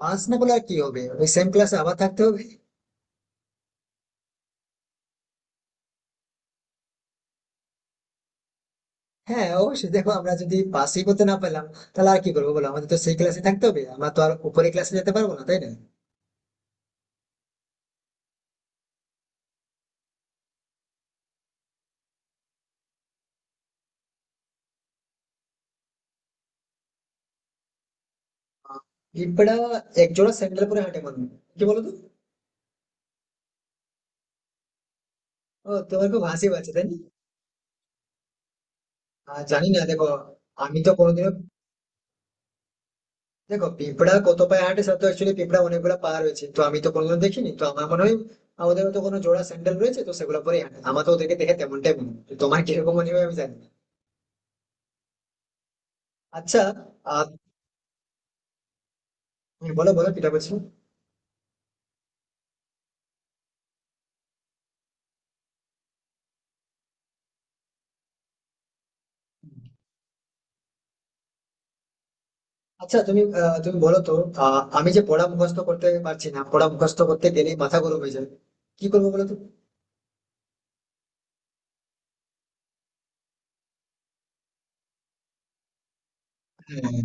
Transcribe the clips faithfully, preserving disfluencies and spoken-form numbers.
Pass না করলে আর কি হবে? ওই সেম ক্লাসে আবার থাকতে হবে। হ্যাঁ, অবশ্যই। দেখো, আমরা যদি পাসই করতে না পেলাম, তাহলে আর কি করবো বলো? আমাদের তো সেই ক্লাসে থাকতে হবে, আমরা তো আর উপরে ক্লাসে যেতে পারবো না, তাই না? আহ, পিঁপড়া এক জোড়া স্যান্ডেল পরে হাঁটে মনে হয়। কি বলো তো? ও, তোমার খুব হাসি পাচ্ছে, তাই না? আহ, জানি না, দেখো। আমি তো কোনোদিনও, দেখো পিঁপড়া কত পায়ে হাঁটে, সে তো অ্যাকচুয়ালি পিঁপড়া অনেকগুলো পা রয়েছে, তো আমি তো কোনোদিন দেখিনি, তো আমার মনে হয় আমাদের তো কোনো জোড়া স্যান্ডেল রয়েছে, তো সেগুলো পরে হাঁটে। আমার তো ওদেরকে দেখে তেমনটাই মনে হয়। তো তোমার কিরকম মনে হয় আমি জানি না। আচ্ছা। আহ তুমি বলো, বলো কিটা বলছো? আচ্ছা, তুমি আহ, তুমি বলো তো। আহ, আমি যে পড়া মুখস্থ করতে পারছি না, পড়া মুখস্থ করতে গেলে মাথা গরম হয়ে যায়। কি করবো বলো তো? হ্যাঁ।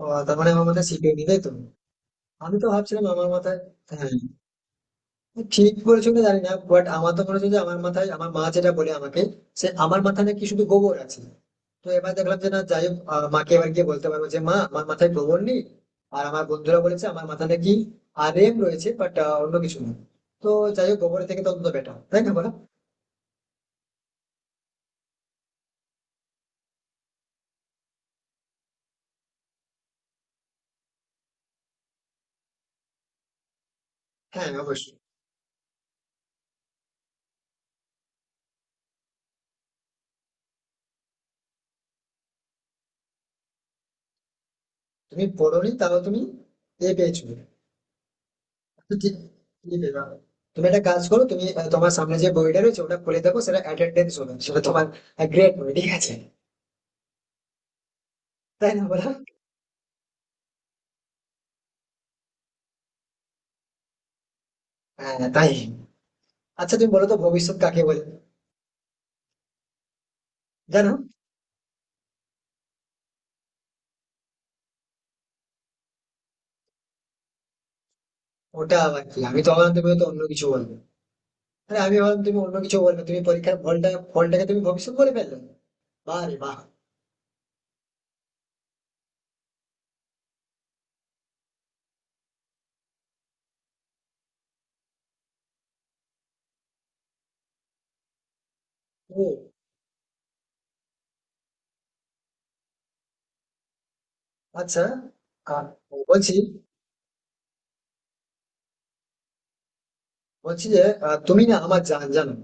ও, তার মানে আমার মাথায় শিখে নিবে তো। আমি তো ভাবছিলাম আমার মাথায়। হ্যাঁ। ঠিক বলেছো কিনা জানি না, বাট আমার তো মনে হচ্ছে যে আমার মাথায়, আমার মা যেটা বলে আমাকে, সে আমার মাথায় নাকি শুধু গোবর আছে। তো এবার দেখলাম যে না, যাই হোক, আহ, মাকে এবার গিয়ে বলতে পারবো যে মা আমার মাথায় গোবর নেই। আর আমার বন্ধুরা বলেছে আমার মাথায় নাকি আর রেম রয়েছে, বাট অন্য কিছু না। তো যাই হোক, গোবর থেকে তো অন্তত বেটার, তাই না বলো? হ্যাঁ, অবশ্যই। তুমি পড়োনি, তাও তুমি এ পেয়েছো? তো ঠিক। ঠিক আছে, দাঁড়াও। তুমি একটা কাজ করো, তুমি আহ, তোমার সামনে যে বইটা রয়েছে ওটা খুলে দেখো, সেটা অ্যাটেন্ডেন্স হবে, সেটা তোমার গ্রেড হবে, ঠিক আছে? তাই না বলো? হ্যাঁ, তাই। আচ্ছা, তুমি বলো তো ভবিষ্যৎ কাকে বলে, জানো? ওটা আবার কি? আমি তো ভাবলাম তুমি তো অন্য কিছু বলবে। আরে আমি ভাবলাম তুমি অন্য কিছু বলবে, তুমি পরীক্ষার ফলটা, ফলটাকে তুমি ভবিষ্যৎ বলে ফেললে? বাহ রে বাহ। ও, আচ্ছা। আহ, বলছি বলছি যে আহ, তুমি না আমার জান, জানো?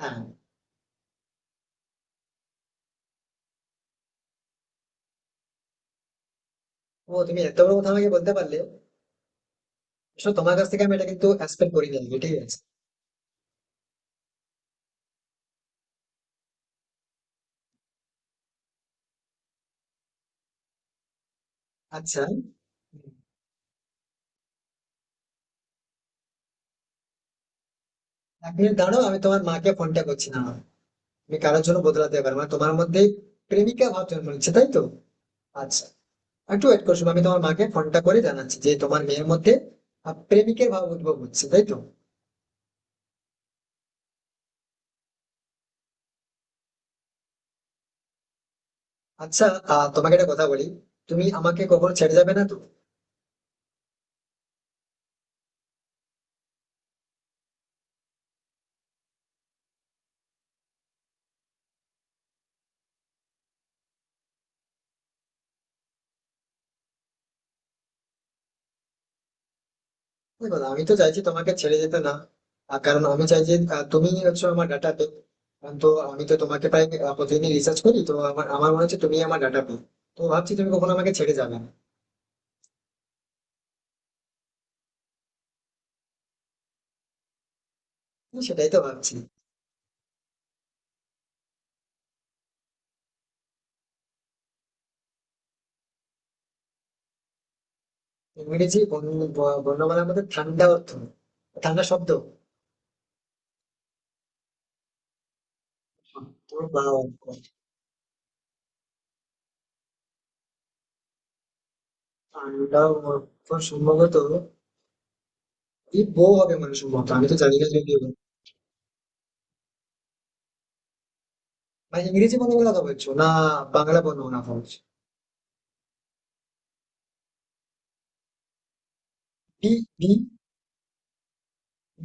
হ্যাঁ। ও, তুমি এত বড় কথা আমাকে বলতে পারলে? আসলে তোমার কাছ থেকে আমি এটা কিন্তু এক্সপেক্ট করিনি আগে, ঠিক আছে। আচ্ছা। উম, এক মিনিট দাঁড়াও, আমি তোমার মাকে ফোনটা করছি না? তুমি কারোর জন্য বদলাতে পারবে না, তোমার মধ্যে প্রেমিকা ভাব জন্ম নিচ্ছে তাই তো? আচ্ছা, একটু ওয়েট করছো, আমি তোমার মাকে ফোনটা করে জানাচ্ছি যে তোমার মেয়ের মধ্যে আহ, প্রেমিকের ভাব উদ্ভব হচ্ছে, তাই তো? আচ্ছা। আহ, তোমাকে একটা কথা বলি, তুমি আমাকে কখনো ছেড়ে যাবে না তো? দেখো, আমি তো চাইছি তোমাকে ছেড়ে যেতে না। আহ, কারণ আমি চাই যে আহ, তুমিই হচ্ছে আমার ডাটা পে। তো আমি তো তোমাকে প্রায় আহ, প্রতিদিনই রিসার্চ করি, তো আমার আমার মনে হচ্ছে তুমি আমার ডাটা পে। তো ভাবছি তুমি কখনো আমাকে ছেড়ে যাবে না। তো সেটাই তো ভাবছি। ইংরেজি বর্ণ- ব- বর্ণমালার মধ্যে ঠান্ডা অর্থ, ঠান্ডা শব্দ। তো বা- ঠান্ডা অর্থ সম্ভবত কি বউ হবে মানুষের মতো, আমি তো জানি না যদিও। মানে ইংরেজি বর্ণ গুলো কথা বলছো না বাংলা বর্ণ না বলছো? বি। বি।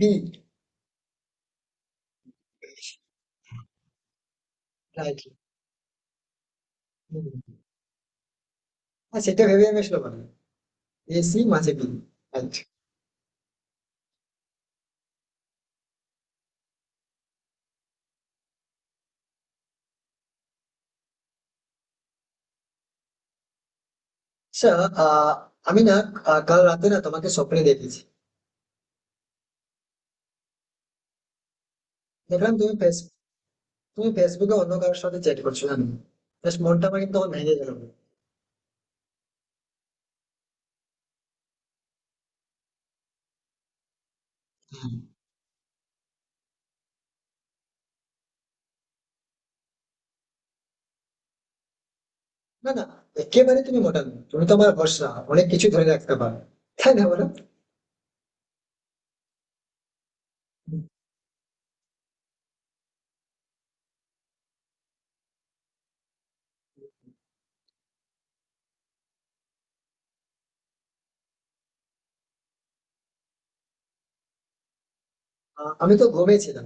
বি। রাইট। হ্যাঁ, সেটা ভেবে আমি আসলে বললাম। এসি মাঝে বি। রাইট। আচ্ছা। আহ, আমি না আহ, কাল রাতে না তোমাকে স্বপ্নে দেখেছি। দেখলাম তুমি ফেস তুমি ফেসবুকে অন্য কারোর সাথে চ্যাট করছো, জানো? জাস্ট মনটা আমার কিন্তু তখন ভেঙে গেল। হ্যাঁ। না না, একেবারে তুমি মোটা নও। তুমি তো আমার ভরসা, অনেক কিছু ধরে রাখতে পারো, তাই না বলো? আহ, আমি তো ঘুমিয়েছিলাম।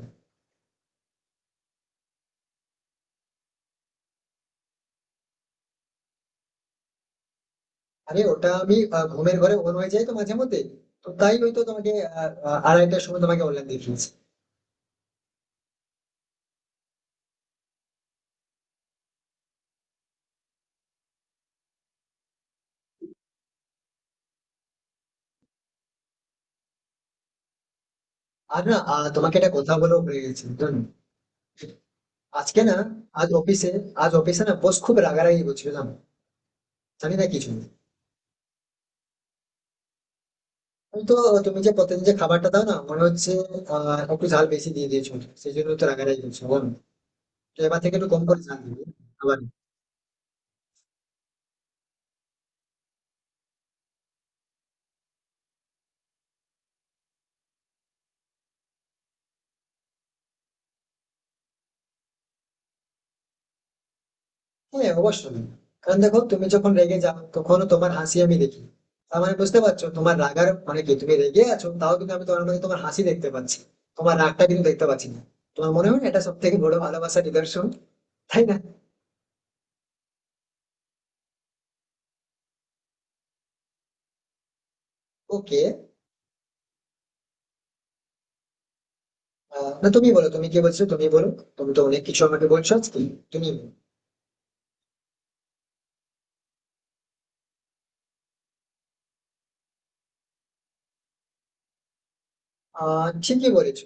আরে ওটা আমি আহ, ঘুমের ঘরে অন হয়ে যাই তো মাঝে মধ্যে, তো তাই হয়তো তোমাকে আহ, আহ, আড়াইটার সময় তোমাকে অনলাইন দিয়ে ফেলেছি। আর না, আহ, তোমাকে একটা কথা বলেও ভুলে গেছি, জানো? আজকে না, আজ অফিসে, আজ অফিসে না বস খুব রাগারাগি করছিল, জানো? জানি না কিছু। আমি তো, তুমি যে প্রতিদিন যে খাবারটা দাও না, মনে হচ্ছে আহ একটু ঝাল বেশি দিয়ে দিয়েছো, সেই জন্য তো রাগারাগি করছো বলো। তো এবার থেকে একটু কম করে ঝাল দিবে। আবার। হ্যাঁ, অবশ্যই। কারণ দেখো, তুমি যখন রেগে যাও তখনও তোমার হাসি আমি দেখি। তার মানে বুঝতে পারছো তোমার রাগার মানে কি? তুমি রেগে আছো, তাও কিন্তু আমি তোমার মধ্যে তোমার হাসি দেখতে পাচ্ছি, তোমার রাগটা কিন্তু দেখতে পাচ্ছি না। তোমার মনে হয় না এটা সব থেকে বড় ভালোবাসার নিদর্শন, তাই না? ওকে। না, তুমি বলো, তুমি কি বলছো তুমি বলো। তুমি তো অনেক কিছু আমাকে বলছো আজকে, তুমি বলো। আহ ঠিকই বলেছো।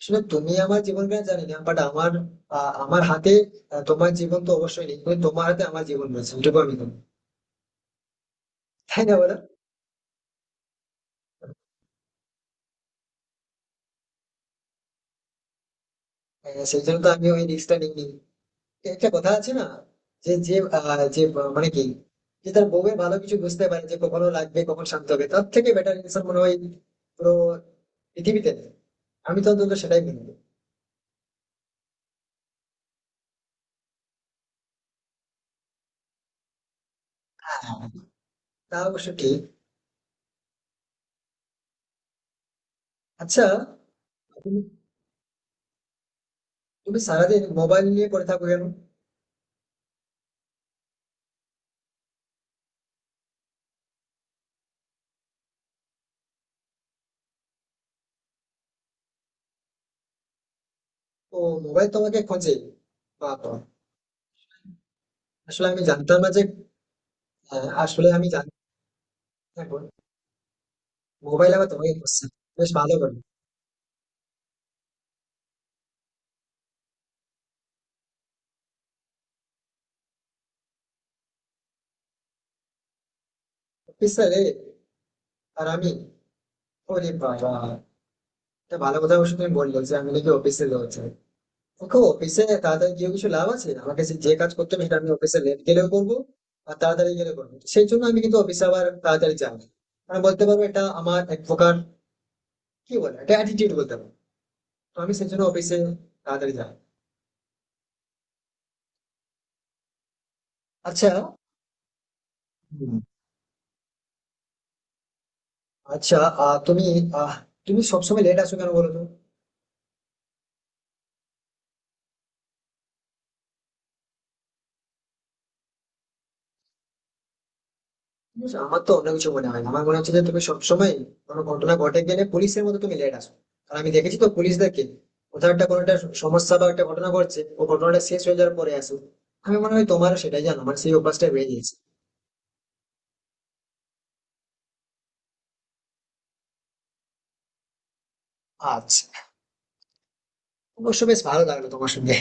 আসলে তুমি আমার জীবন কেন জানি না, বাট আমার আহ, আমার হাতে, আহ, তোমার জীবন তো অবশ্যই নেই, কিন্তু তোমার হাতে আমার জীবন রয়েছে, এটুকু আমি জানি। তাই না বলো? হ্যাঁ, সেই জন্য তো আমি ওই রিস্কটা নিইনি। একটা কথা আছে না, যে যে আহ, যে আহ, মানে কি যে তার বউয়ের ভালো কিছু বুঝতে পারে যে কখনো লাগবে কখন শান্ত হবে, তার থেকে বেটার ইনসান মনে হয় পুরো পৃথিবীতে নেই। আমি তো অন্তত সেটাই মনে করি। হ্যাঁ, তা অবশ্য ঠিক। আচ্ছা, তুমি তুমি সারাদিন মোবাইল নিয়ে পড়ে থাকো কেন? তো মোবাইল তোমাকে খোঁজে? বাবা। আসলে আমি জানতাম না যে আহ, আসলে আমি জানতাম না, এখন মোবাইল আবার তোমাকে খুঁজছে। বেশ ভালো করে। অফিসারে, আর আমি, ওরে বাবা, এটা ভালো কথা অবশ্য তুমি বললে যে আমি নাকি অফিসে লেট যাই। দেখো অফিসে তাড়াতাড়ি গিয়ে কিছু লাভ আছে? আমাকে সে- যে কাজ করতে হবে সেটা আমি অফিসে লেট গেলেও করবো, আর তাড়াতাড়ি গেলে করবো, সেই জন্য আমি কিন্তু অফিসে আবার তাড়াতাড়ি যাই না। কারণ বলতে পারবো এটা আমার এক প্রকার, কি বলে এটা, অ্যাটিটিউড বলতে পারবো। তো আমি সেই জন্য অফিসে তাড়াতাড়ি যাই। আচ্ছা। হুম, আচ্ছা আহ, তুমি, আহ তুমি সবসময় লেট আসো কেন বলো তো? বুঝছো, আমার তো অন্য কিছু মনে হয় না। আমার মনে হচ্ছে যে তুমি সবসময় কোনো ঘটনা ঘটে গেলে পুলিশের মতো তুমি লেট আসো। কারণ আমি দেখেছি তো পুলিশদেরকে, কোথাও একটা, কোনো একটা সমস্যা বা একটা ঘটনা ঘটছে, ও ঘটনাটা শেষ হয়ে যাওয়ার পরে আসো। আমি মনে হয় তোমারও সেটাই, জানো, মানে সেই অভ্যাসটা বেড়ে গিয়েছে। আচ্ছা, অবশ্য বেশ ভালো লাগলো তোমার সঙ্গে।